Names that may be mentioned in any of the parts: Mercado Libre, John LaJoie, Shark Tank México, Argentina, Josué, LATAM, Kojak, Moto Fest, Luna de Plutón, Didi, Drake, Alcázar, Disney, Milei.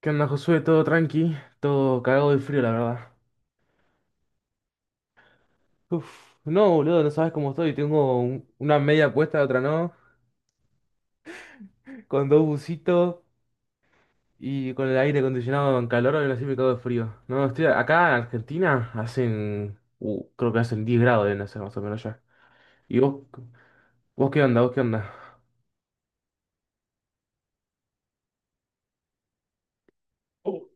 ¿Qué onda, Josué? Todo tranqui, todo cagado de frío, la verdad. Uf, no, boludo, no sabes cómo estoy. Tengo una media puesta, otra no, con dos bucitos y con el aire acondicionado en calor, ahora sí me cago de frío. No, estoy acá en Argentina, hacen, creo que hacen 10 grados, deben hacer más o menos ya. ¿Y vos? ¿Vos qué onda? Oh.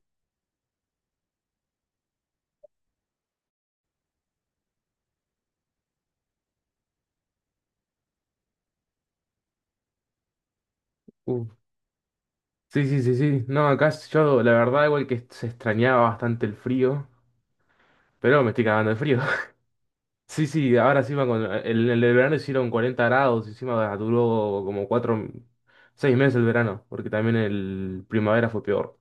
Uh, sí, sí, sí, sí. No, acá yo, la verdad, igual que se extrañaba bastante el frío, pero me estoy cagando de frío. Sí, sí, ahora encima con el de verano hicieron 40 grados, encima duró como cuatro, seis meses el verano, porque también el primavera fue peor.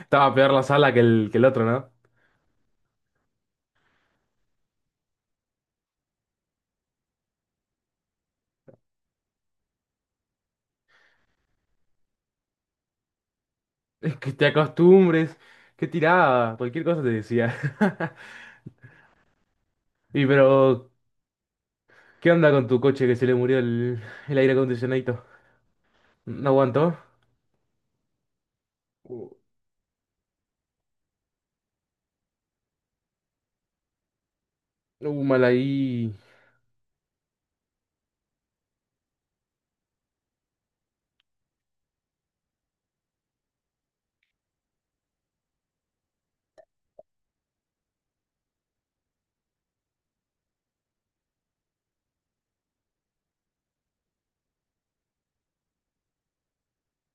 Estaba peor la sala que que el otro, ¿no? Es que te acostumbres, qué tirada, cualquier cosa te decía. Y pero, ¿qué onda con tu coche que se le murió el aire acondicionadito? ¿No aguantó? Uh, mal ahí.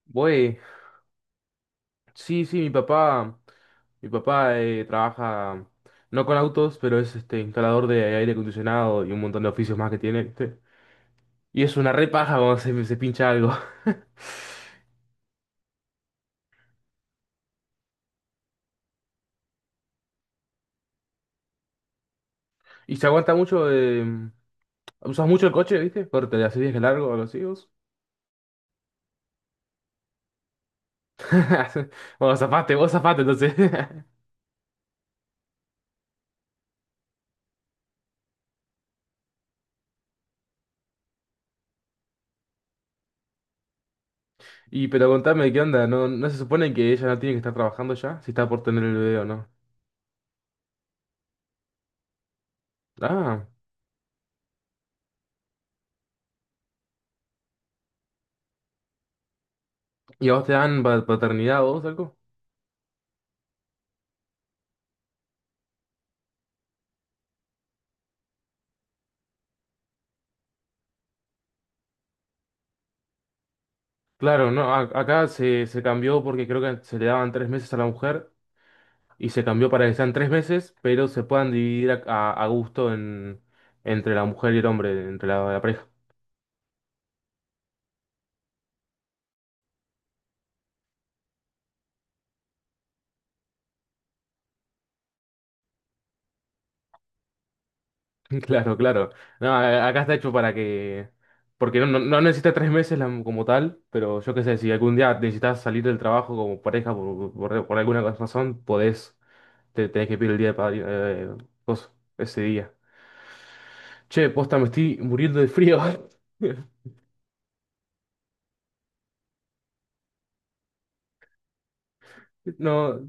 Güey. Sí, sí, mi papá trabaja no con autos, pero es este instalador de aire acondicionado y un montón de oficios más que tiene, ¿viste? Y es una repaja cuando se pincha algo. Y se aguanta mucho, usas mucho el coche, ¿viste? Corte, le haces viaje largo o algo así, vos. Bueno, zafaste, vos zafaste entonces. Y pero contame, ¿qué onda? ¿No, no se supone que ella no tiene que estar trabajando ya? Si está por tener el bebé o no. Ah, ¿y a vos te dan paternidad o algo? Claro, no, acá se cambió porque creo que se le daban tres meses a la mujer y se cambió para que sean tres meses, pero se puedan dividir a gusto entre la mujer y el hombre, entre la pareja. Claro, claro. No, acá está hecho para que... Porque no, no, no necesita tres meses como tal, pero yo qué sé, si algún día necesitas salir del trabajo como pareja por alguna razón, podés, te tenés que pedir el día de coso, ese día. Che, posta, me estoy muriendo de frío. No,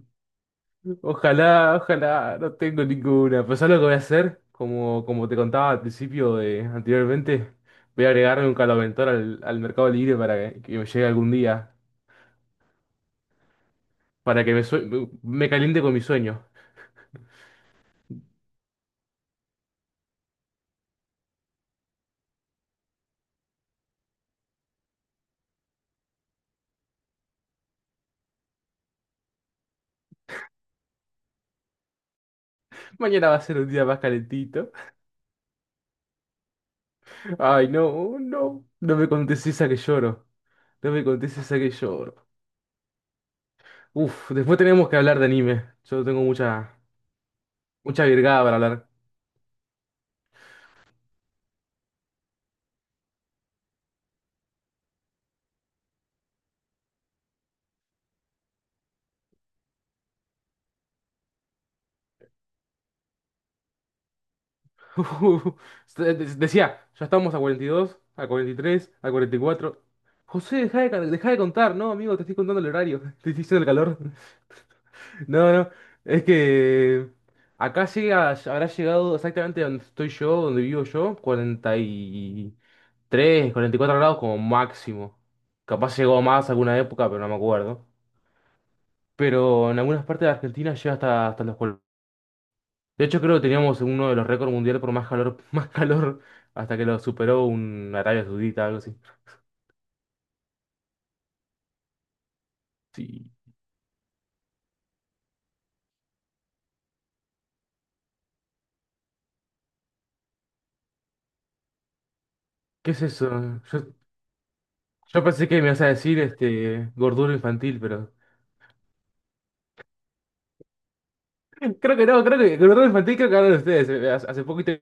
ojalá, ojalá, no tengo ninguna. Pero ¿sabes lo que voy a hacer? Como, como te contaba al principio de anteriormente, voy a agregarle un caloventor al Mercado Libre para que me llegue algún día, para que me, me caliente con mi sueño. Mañana va a ser un día más calentito. Ay, no, no, no me contés esa que lloro. No me contés esa que lloro. Uf, después tenemos que hablar de anime. Mucha virgada para hablar. Decía, ya estamos a 42, a 43, a 44. José, deja de, dejá de contar. No, amigo, te estoy contando el horario. Te estoy diciendo el calor. No, no. Es que acá llega, habrá llegado exactamente donde estoy yo, donde vivo yo, 43, 44 grados como máximo. Capaz llegó más alguna época, pero no me acuerdo. Pero en algunas partes de Argentina llega hasta, hasta los... De hecho, creo que teníamos uno de los récords mundiales por más calor, más calor, hasta que lo superó un Arabia Saudita, algo así. Sí. ¿Qué es eso? Yo pensé que me ibas a decir este gordura infantil, pero. Creo que no, creo que gordura infantil creo que hablan ustedes. Hace, hace poquito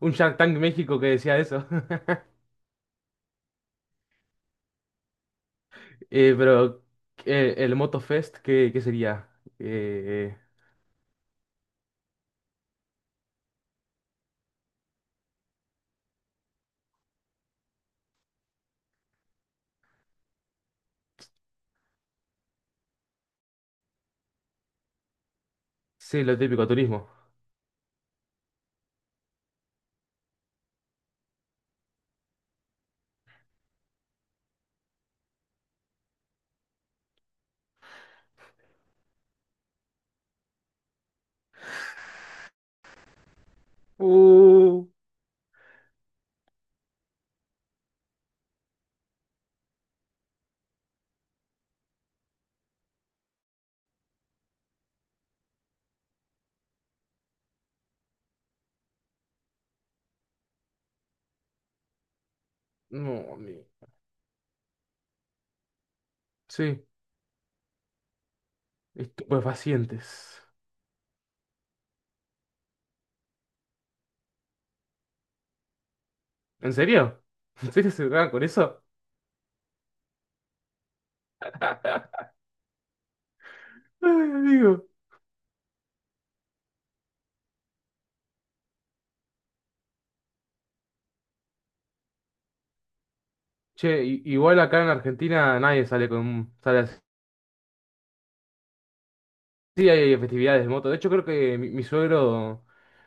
un Shark Tank México que decía eso. Pero el Moto Fest, ¿qué, qué sería? Eh, sí, lo típico, turismo. Uh, no, amigo. Sí, estupefacientes. ¿En serio? ¿En serio se drogan con eso? Ay, amigo. Che, igual acá en Argentina nadie sale con sale así. Sí, hay festividades de moto. De hecho, creo que mi suegro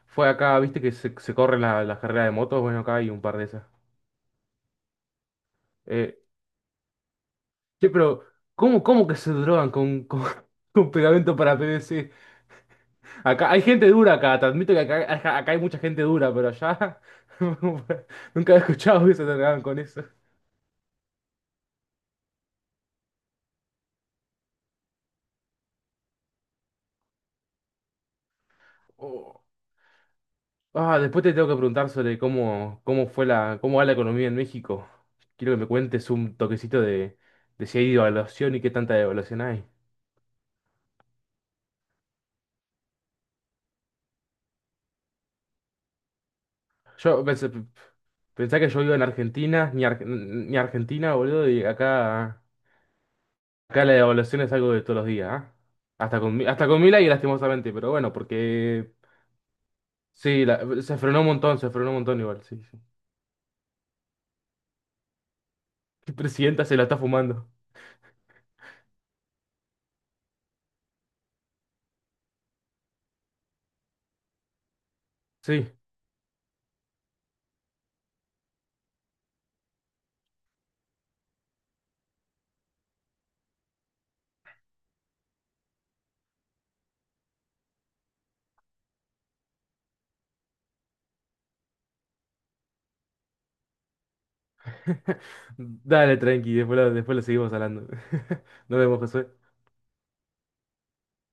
fue acá, viste que se corren las carreras de motos. Bueno, acá hay un par de esas. Eh, che, pero ¿cómo, cómo que se drogan con pegamento para PVC? Acá hay gente dura acá, te admito que acá, acá hay mucha gente dura, pero allá nunca he escuchado que se drogaban con eso. Ah, después te tengo que preguntar sobre cómo, cómo fue la, cómo va la economía en México. Quiero que me cuentes un toquecito de si hay devaluación y qué tanta devaluación hay. Yo pensé, pensá que yo vivo en Argentina, ni, ni Argentina, boludo, y acá, acá la devaluación es algo de todos los días, ¿ah? Hasta con, hasta con Milei, lastimosamente, pero bueno, porque sí, se frenó un montón, se frenó un montón igual, sí. Sí. El presidenta se la está fumando. Sí. Dale, tranqui, después lo seguimos hablando. Nos vemos, José.